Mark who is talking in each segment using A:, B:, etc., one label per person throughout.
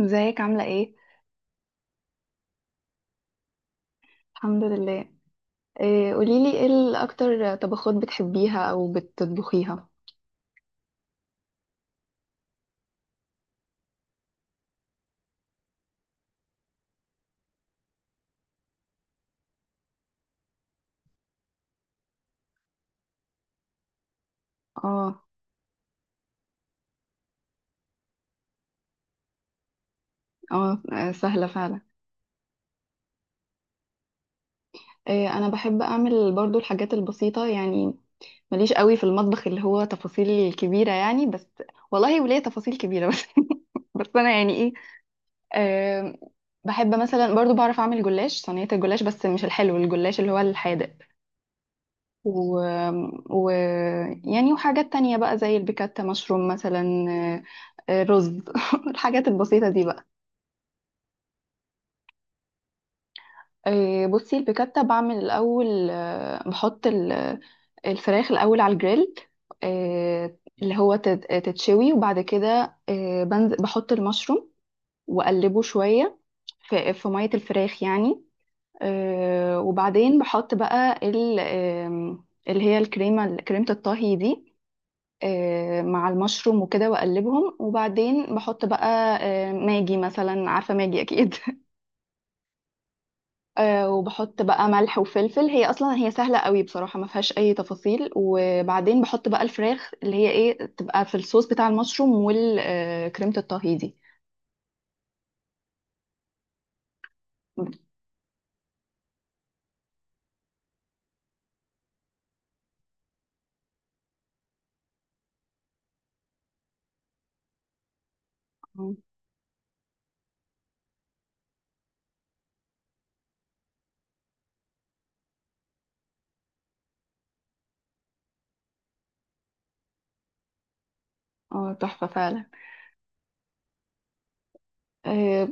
A: ازيك عاملة ايه؟ الحمد لله. إيه، قوليلي ايه اكتر طبخات بتحبيها او بتطبخيها. اه، اه، سهلة فعلا. إيه، انا بحب اعمل برضو الحاجات البسيطة يعني. ماليش قوي في المطبخ اللي هو تفاصيل كبيرة يعني، بس والله وليه تفاصيل كبيرة بس. بس انا يعني ايه. آم، بحب مثلا برضو بعرف اعمل جلاش، صينية الجلاش بس مش الحلو، الجلاش اللي هو الحادق. و... و... يعني وحاجات تانية بقى زي البيكاتا مشروم مثلا، رز. الحاجات البسيطة دي بقى. بصي، البيكاتا بعمل الأول، بحط الفراخ الأول على الجريل، آه، اللي هو تتشوي، وبعد كده بنزل بحط المشروم وأقلبه شوية في مية الفراخ يعني. وبعدين بحط بقى اللي هي الكريمة، كريمة الطهي دي، مع المشروم وكده واقلبهم، وبعدين بحط بقى ماجي مثلا، عارفه ماجي اكيد. وبحط بقى ملح وفلفل، هي اصلا هي سهله قوي بصراحه، ما فيهاش اي تفاصيل، وبعدين بحط بقى الفراخ اللي هي ايه تبقى في الصوص بتاع المشروم والكريمه الطهي دي. اه، تحفه فعلا. آه،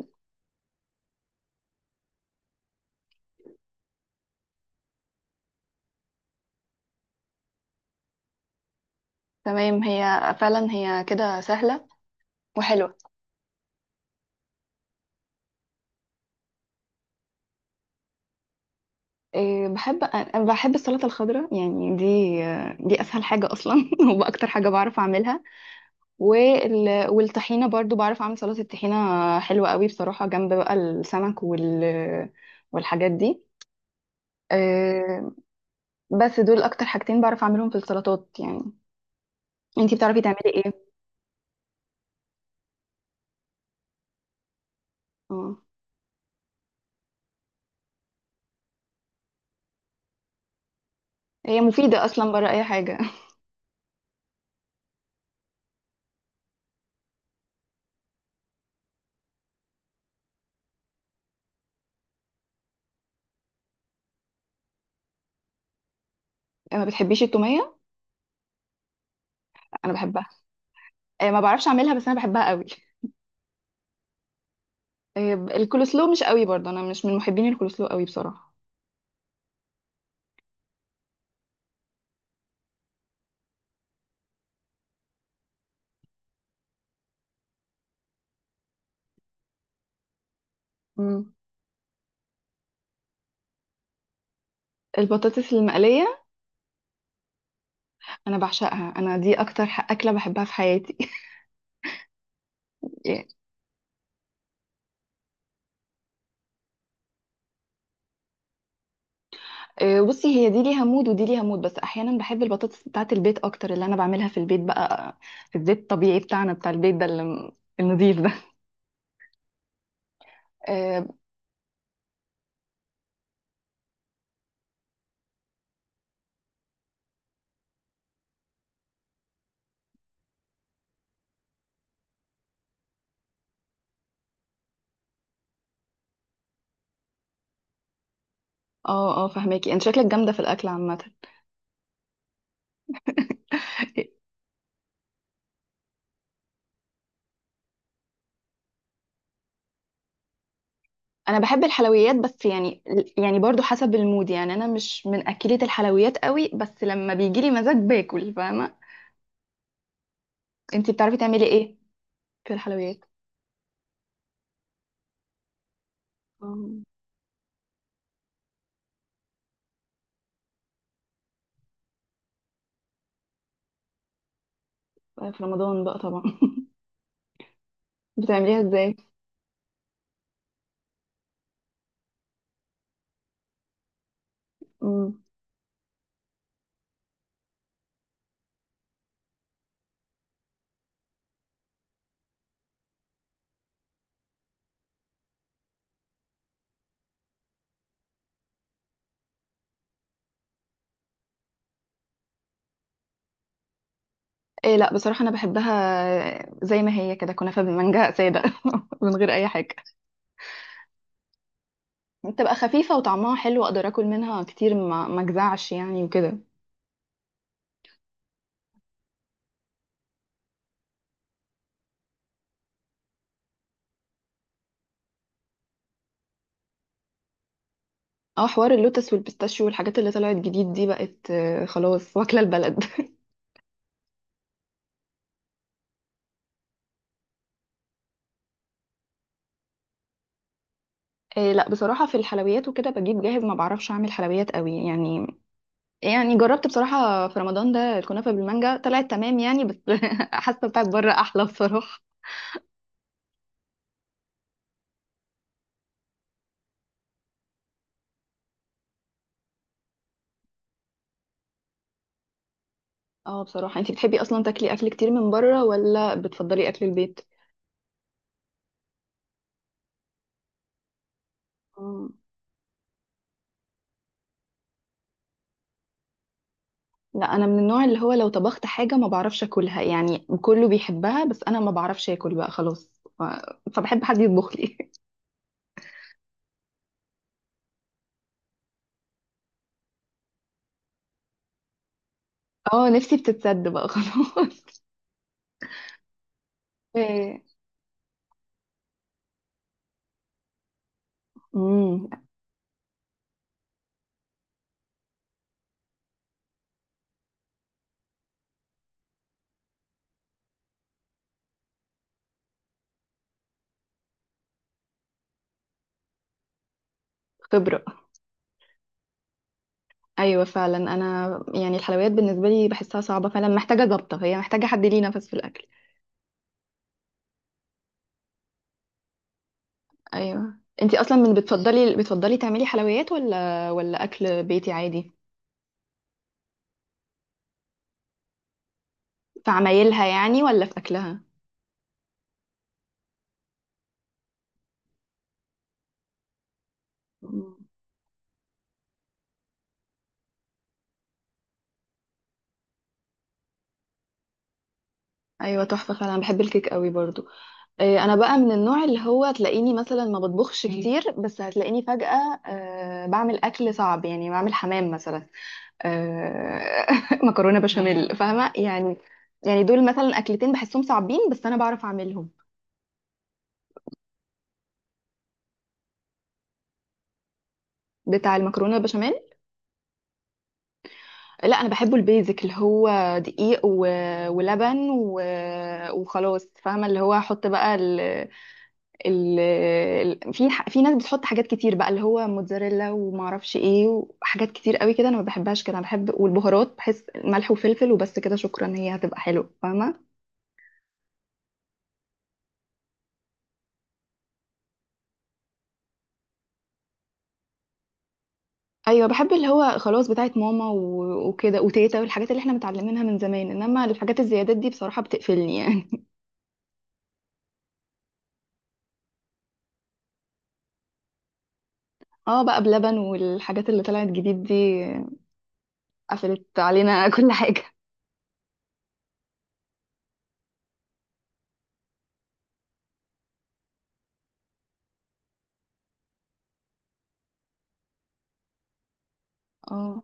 A: تمام، هي فعلا هي كده سهله وحلوه. بحب، أنا بحب السلطه الخضراء يعني دي، دي اسهل حاجه اصلا. واكتر حاجه بعرف اعملها. والطحينة برضو بعرف أعمل سلطة الطحينة، حلوة قوي بصراحة جنب بقى السمك والحاجات دي. أه، بس دول أكتر حاجتين بعرف أعملهم في السلطات يعني. أنتي بتعرفي تعملي إيه؟ آه. هي مفيدة أصلا بره أي حاجة. ما بتحبيش التومية؟ أنا بحبها. أه، ما بعرفش أعملها بس أنا بحبها قوي. أه، الكولسلو مش قوي برضه، أنا مش من محبين الكولسلو قوي بصراحة. مم. البطاطس المقلية أنا بعشقها، أنا دي أكتر أكلة بحبها في حياتي. بصي، هي دي ليها مود ودي ليها مود، بس احيانا بحب البطاطس بتاعت البيت اكتر، اللي انا بعملها في البيت بقى في الزيت الطبيعي بتاعنا بتاع البيت ده النضيف ده. اه، اه، فهماكي، انت شكلك جامده في الاكل عامه. انا بحب الحلويات، بس يعني برضو حسب المود، يعني انا مش من اكلة الحلويات قوي، بس لما بيجي لي مزاج باكل فاهمه. انت بتعرفي تعملي ايه في الحلويات؟ آه، في رمضان بقى طبعا. بتعمليها ازاي؟ مم. إيه، لا بصراحة أنا بحبها زي ما هي كده، كنافة بالمانجا سادة. من غير أي حاجة، بتبقى خفيفة وطعمها حلو، أقدر أكل منها كتير، ما أجزعش يعني وكده. اه، حوار اللوتس والبيستاشيو والحاجات اللي طلعت جديد دي بقت خلاص واكلة البلد. إيه، لا بصراحة في الحلويات وكده بجيب جاهز، ما بعرفش أعمل حلويات قوي يعني. يعني جربت بصراحة في رمضان ده الكنافة بالمانجا، طلعت تمام يعني، بس. حاسة بتاعت بره أحلى بصراحة. اه بصراحة، انتي بتحبي أصلا تاكلي أكل كتير من بره ولا بتفضلي أكل البيت؟ لا، انا من النوع اللي هو لو طبخت حاجه ما بعرفش اكلها، يعني كله بيحبها بس انا ما بعرفش اكل بقى خلاص. ف... فبحب حد يطبخ لي. اه، نفسي بتتسد بقى خلاص. إيه. امم. خبره. ايوه فعلا، انا يعني الحلويات بالنسبه لي بحسها صعبه فعلا، محتاجه ضبطه، هي محتاجه حد ليه نفس في الاكل. ايوه، انتي اصلا من بتفضلي تعملي حلويات ولا اكل بيتي عادي؟ في عمايلها يعني ولا في اكلها؟ مم. ايوه تحفه فعلا، بحب الكيك قوي برضو. إيه، انا بقى من النوع اللي هو تلاقيني مثلا ما بطبخش كتير، بس هتلاقيني فجأة بعمل اكل صعب، يعني بعمل حمام مثلا أه مكرونة بشاميل فاهمة يعني، يعني دول مثلا اكلتين بحسهم صعبين بس انا بعرف اعملهم. بتاع المكرونة بشاميل؟ لا، انا بحبه البيزك، اللي هو دقيق ولبن وخلاص فاهمة، اللي هو احط بقى في ناس بتحط حاجات كتير بقى اللي هو موتزاريلا وما اعرفش ايه، وحاجات كتير قوي كده انا ما بحبهاش كده، انا بحب والبهارات، بحس ملح وفلفل وبس كده شكرا، هي هتبقى حلوه فاهمه. ايوه بحب اللي هو خلاص بتاعت ماما وكده وتيتا والحاجات اللي احنا متعلمينها من زمان، انما الحاجات الزيادات دي بصراحه بتقفلني يعني. اه، بقى بلبن والحاجات اللي طلعت جديد دي قفلت علينا. كل حاجه. اه،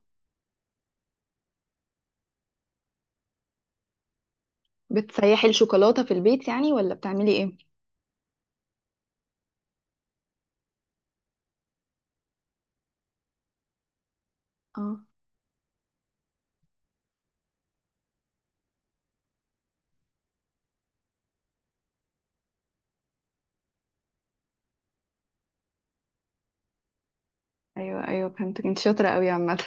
A: بتسيحي الشوكولاته في البيت يعني ولا بتعملي ايه؟ اه. ايوه، ايوه، فهمتك، انت شاطره قوي عامه.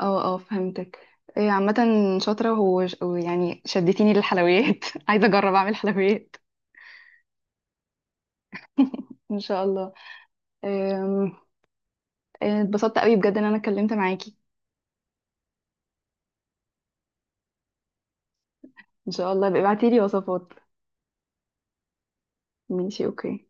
A: اه، اه، فهمتك. إيه عامة، شاطرة ويعني شدتيني للحلويات. عايزة أجرب أعمل حلويات إن شاء الله. أم، إيه، اتبسطت قوي بجد إن أنا اتكلمت معاكي. إن شاء الله ابقي ابعتيلي وصفات. ماشي، أوكي.